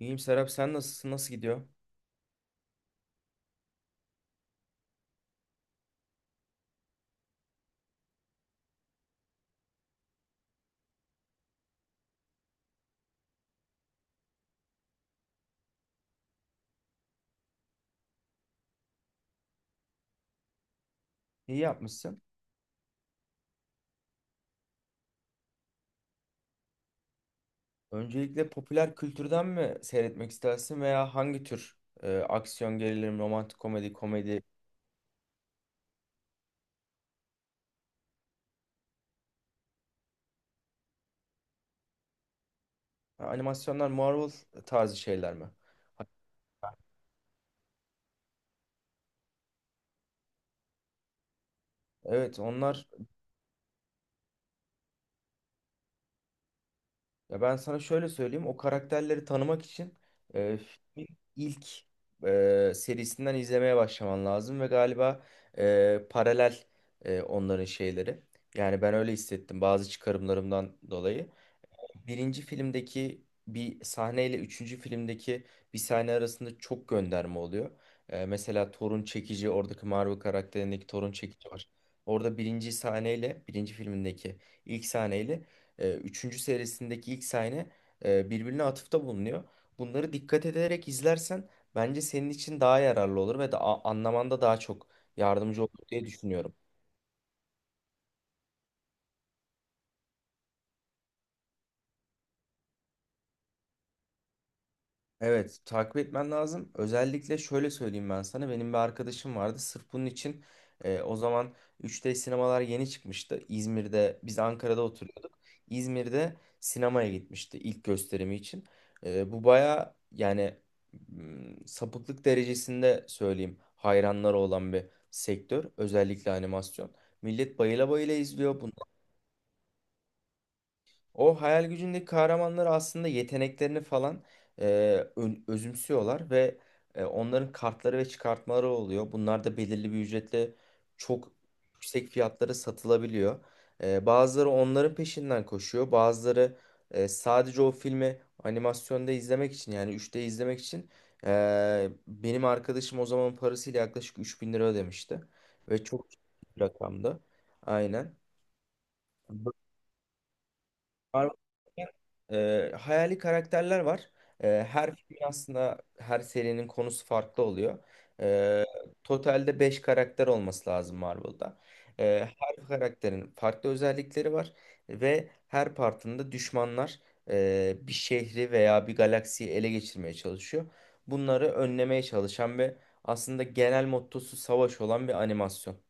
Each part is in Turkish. İyiyim Serap, sen nasılsın? Nasıl gidiyor? İyi yapmışsın. Öncelikle popüler kültürden mi seyretmek istersin veya hangi tür, aksiyon, gerilim, romantik komedi, komedi, ha, animasyonlar, Marvel tarzı şeyler mi? Ha, evet onlar. Ya ben sana şöyle söyleyeyim, o karakterleri tanımak için filmin ilk serisinden izlemeye başlaman lazım ve galiba paralel onların şeyleri. Yani ben öyle hissettim bazı çıkarımlarımdan dolayı. Birinci filmdeki bir sahneyle üçüncü filmdeki bir sahne arasında çok gönderme oluyor. Mesela Thor'un çekici, oradaki Marvel karakterindeki Thor'un çekici var. Orada birinci sahneyle birinci filmindeki ilk sahneyle üçüncü serisindeki ilk sahne birbirine atıfta bulunuyor. Bunları dikkat ederek izlersen bence senin için daha yararlı olur ve da anlamanda daha çok yardımcı olur diye düşünüyorum. Evet, takip etmen lazım. Özellikle şöyle söyleyeyim ben sana. Benim bir arkadaşım vardı. Sırf bunun için o zaman 3D sinemalar yeni çıkmıştı. İzmir'de, biz Ankara'da oturuyorduk. İzmir'de sinemaya gitmişti ilk gösterimi için. Bu baya, yani sapıklık derecesinde söyleyeyim, hayranları olan bir sektör. Özellikle animasyon. Millet bayıla bayıla izliyor. O hayal gücündeki kahramanlar aslında yeteneklerini falan e, özümsüyorlar ve onların kartları ve çıkartmaları oluyor. Bunlar da belirli bir ücretle çok yüksek fiyatlara satılabiliyor. Bazıları onların peşinden koşuyor. Bazıları sadece o filmi animasyonda izlemek için, yani 3D izlemek için benim arkadaşım o zamanın parasıyla yaklaşık 3000 lira ödemişti. Ve çok ciddi bir rakamdı. Aynen. Marvel, hayali karakterler var. Her filmin aslında her serinin konusu farklı oluyor. E, Totalde 5 karakter olması lazım Marvel'da. Her karakterin farklı özellikleri var ve her partında düşmanlar bir şehri veya bir galaksiyi ele geçirmeye çalışıyor. Bunları önlemeye çalışan ve aslında genel mottosu savaş olan bir animasyon.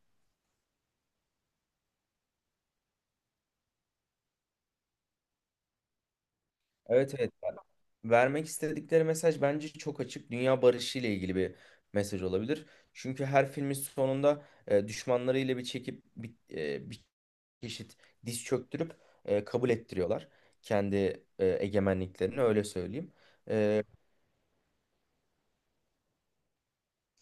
Evet, evet. Vermek istedikleri mesaj bence çok açık. Dünya barışı ile ilgili bir mesaj olabilir. Çünkü her filmin sonunda düşmanlarıyla bir çekip bir çeşit diz çöktürüp kabul ettiriyorlar kendi egemenliklerini, öyle söyleyeyim. E,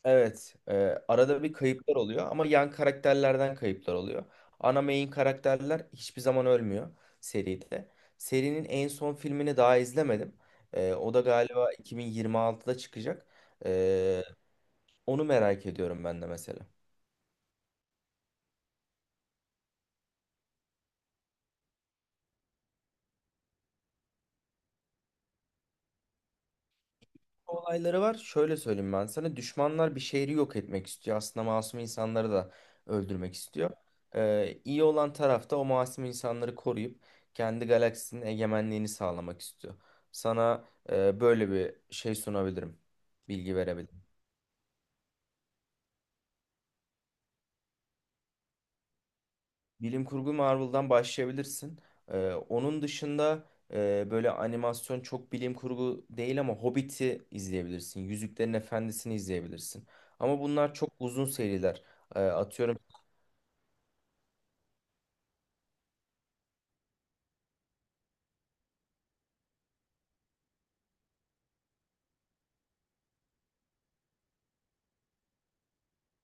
Evet, arada bir kayıplar oluyor ama yan karakterlerden kayıplar oluyor. Ana main karakterler hiçbir zaman ölmüyor seride. Serinin en son filmini daha izlemedim. O da galiba 2026'da çıkacak. E, Onu merak ediyorum ben de mesela. Olayları var. Şöyle söyleyeyim ben sana. Düşmanlar bir şehri yok etmek istiyor. Aslında masum insanları da öldürmek istiyor. İyi olan taraf da o masum insanları koruyup kendi galaksinin egemenliğini sağlamak istiyor. Sana böyle bir şey sunabilirim. Bilgi verebilirim. Bilim kurgu Marvel'dan başlayabilirsin. Onun dışında böyle animasyon çok bilim kurgu değil ama Hobbit'i izleyebilirsin. Yüzüklerin Efendisi'ni izleyebilirsin. Ama bunlar çok uzun seriler. Atıyorum.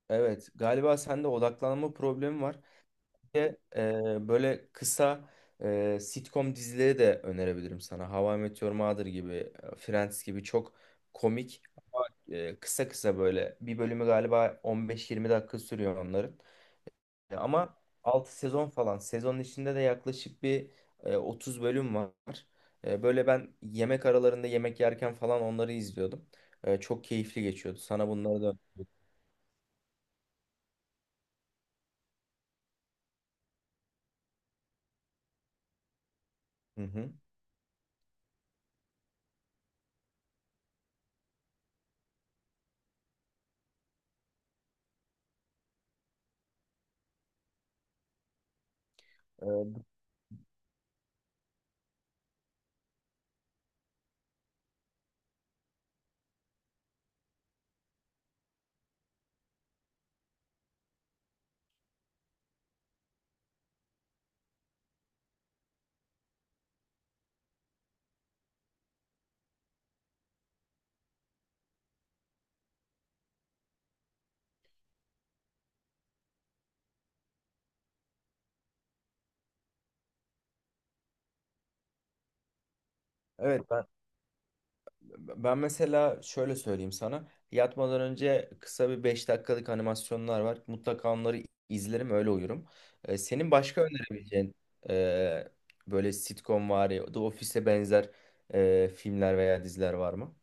Evet, galiba sende odaklanma problemi var. Bir de, böyle kısa sitcom dizileri de önerebilirim sana. How I Met Your Mother gibi, Friends gibi çok komik, kısa kısa böyle. Bir bölümü galiba 15-20 dakika sürüyor onların. Ama 6 sezon falan. Sezonun içinde de yaklaşık bir 30 bölüm var. Böyle ben yemek aralarında yemek yerken falan onları izliyordum. Çok keyifli geçiyordu. Sana bunları da... Hı hı. E, evet. Ben mesela şöyle söyleyeyim sana. Yatmadan önce kısa bir 5 dakikalık animasyonlar var. Mutlaka onları izlerim, öyle uyurum. Senin başka önerebileceğin e, böyle sitcom var ya, The Office'e benzer filmler veya diziler var mı?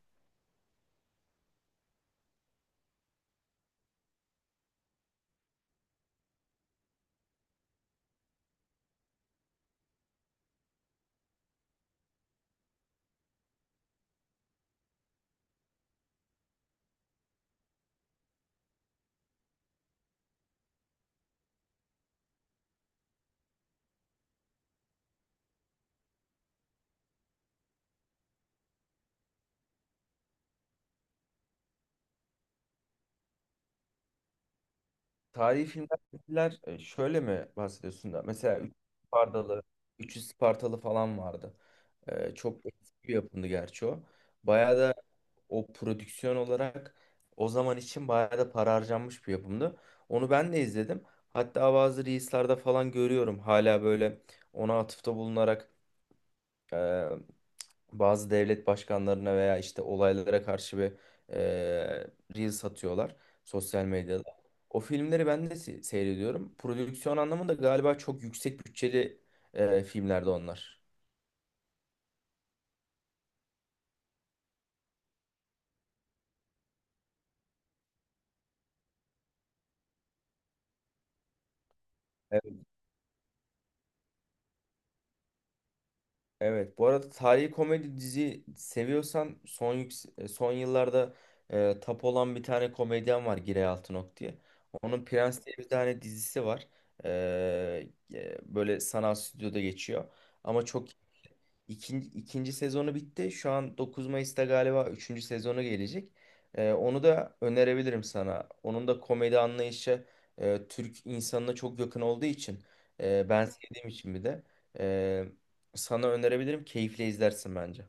Tarihi filmler filmler, şöyle mi bahsediyorsun da? Mesela Üç yüz Spartalı, Üçü Spartalı falan vardı. Çok eski bir yapımdı gerçi o. Bayağı da o prodüksiyon olarak o zaman için bayağı da para harcanmış bir yapımdı. Onu ben de izledim. Hatta bazı reels'larda falan görüyorum. Hala böyle ona atıfta bulunarak e, bazı devlet başkanlarına veya işte olaylara karşı bir eee reel satıyorlar sosyal medyada. O filmleri ben de seyrediyorum. Prodüksiyon anlamında galiba çok yüksek bütçeli filmlerde onlar. Evet, evet. Bu arada tarihi komedi dizi seviyorsan son yıllarda tap olan bir tane komedyen var, Giray Altınok diye. Onun Prens diye bir tane dizisi var. Böyle sanal stüdyoda geçiyor. Ama çok. İkinci sezonu bitti. Şu an 9 Mayıs'ta galiba üçüncü sezonu gelecek. Onu da önerebilirim sana. Onun da komedi anlayışı Türk insanına çok yakın olduğu için, ben sevdiğim için bir de e, sana önerebilirim. Keyifle izlersin bence.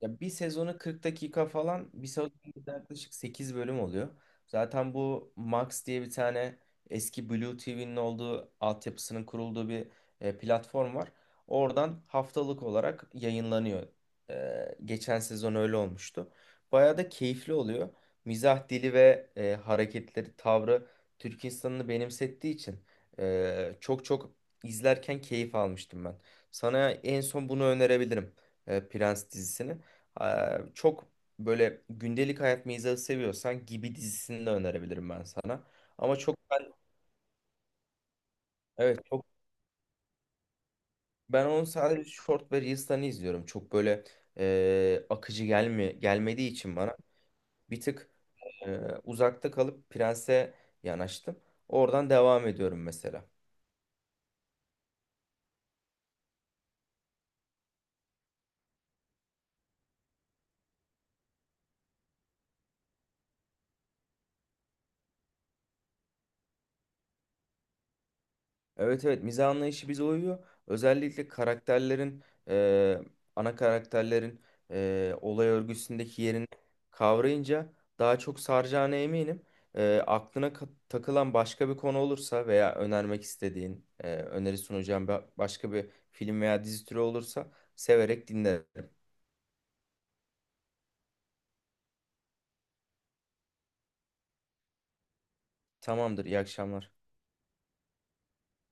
Ya bir sezonu 40 dakika falan, bir sezonda yaklaşık 8 bölüm oluyor. Zaten bu Max diye bir tane, eski Blue TV'nin olduğu altyapısının kurulduğu bir platform var. Oradan haftalık olarak yayınlanıyor. Geçen sezon öyle olmuştu. Bayağı da keyifli oluyor. Mizah dili ve hareketleri, tavrı Türk insanını benimsettiği için çok çok izlerken keyif almıştım ben. Sana en son bunu önerebilirim, Prens dizisini. Çok böyle gündelik hayat mizahı seviyorsan, Gibi dizisini de önerebilirim ben sana. Ama çok ben, evet, çok ben onu sadece short ve reels'ten izliyorum. Çok böyle akıcı gelmediği için bana bir tık uzakta kalıp Prens'e yanaştım. Oradan devam ediyorum mesela. Evet, evet, mizah anlayışı bize uyuyor. Özellikle karakterlerin e, ana karakterlerin olay örgüsündeki yerini kavrayınca daha çok saracağına eminim. Aklına takılan başka bir konu olursa veya önermek istediğin öneri sunacağım başka bir film veya dizi türü olursa severek dinlerim. Tamamdır, iyi akşamlar.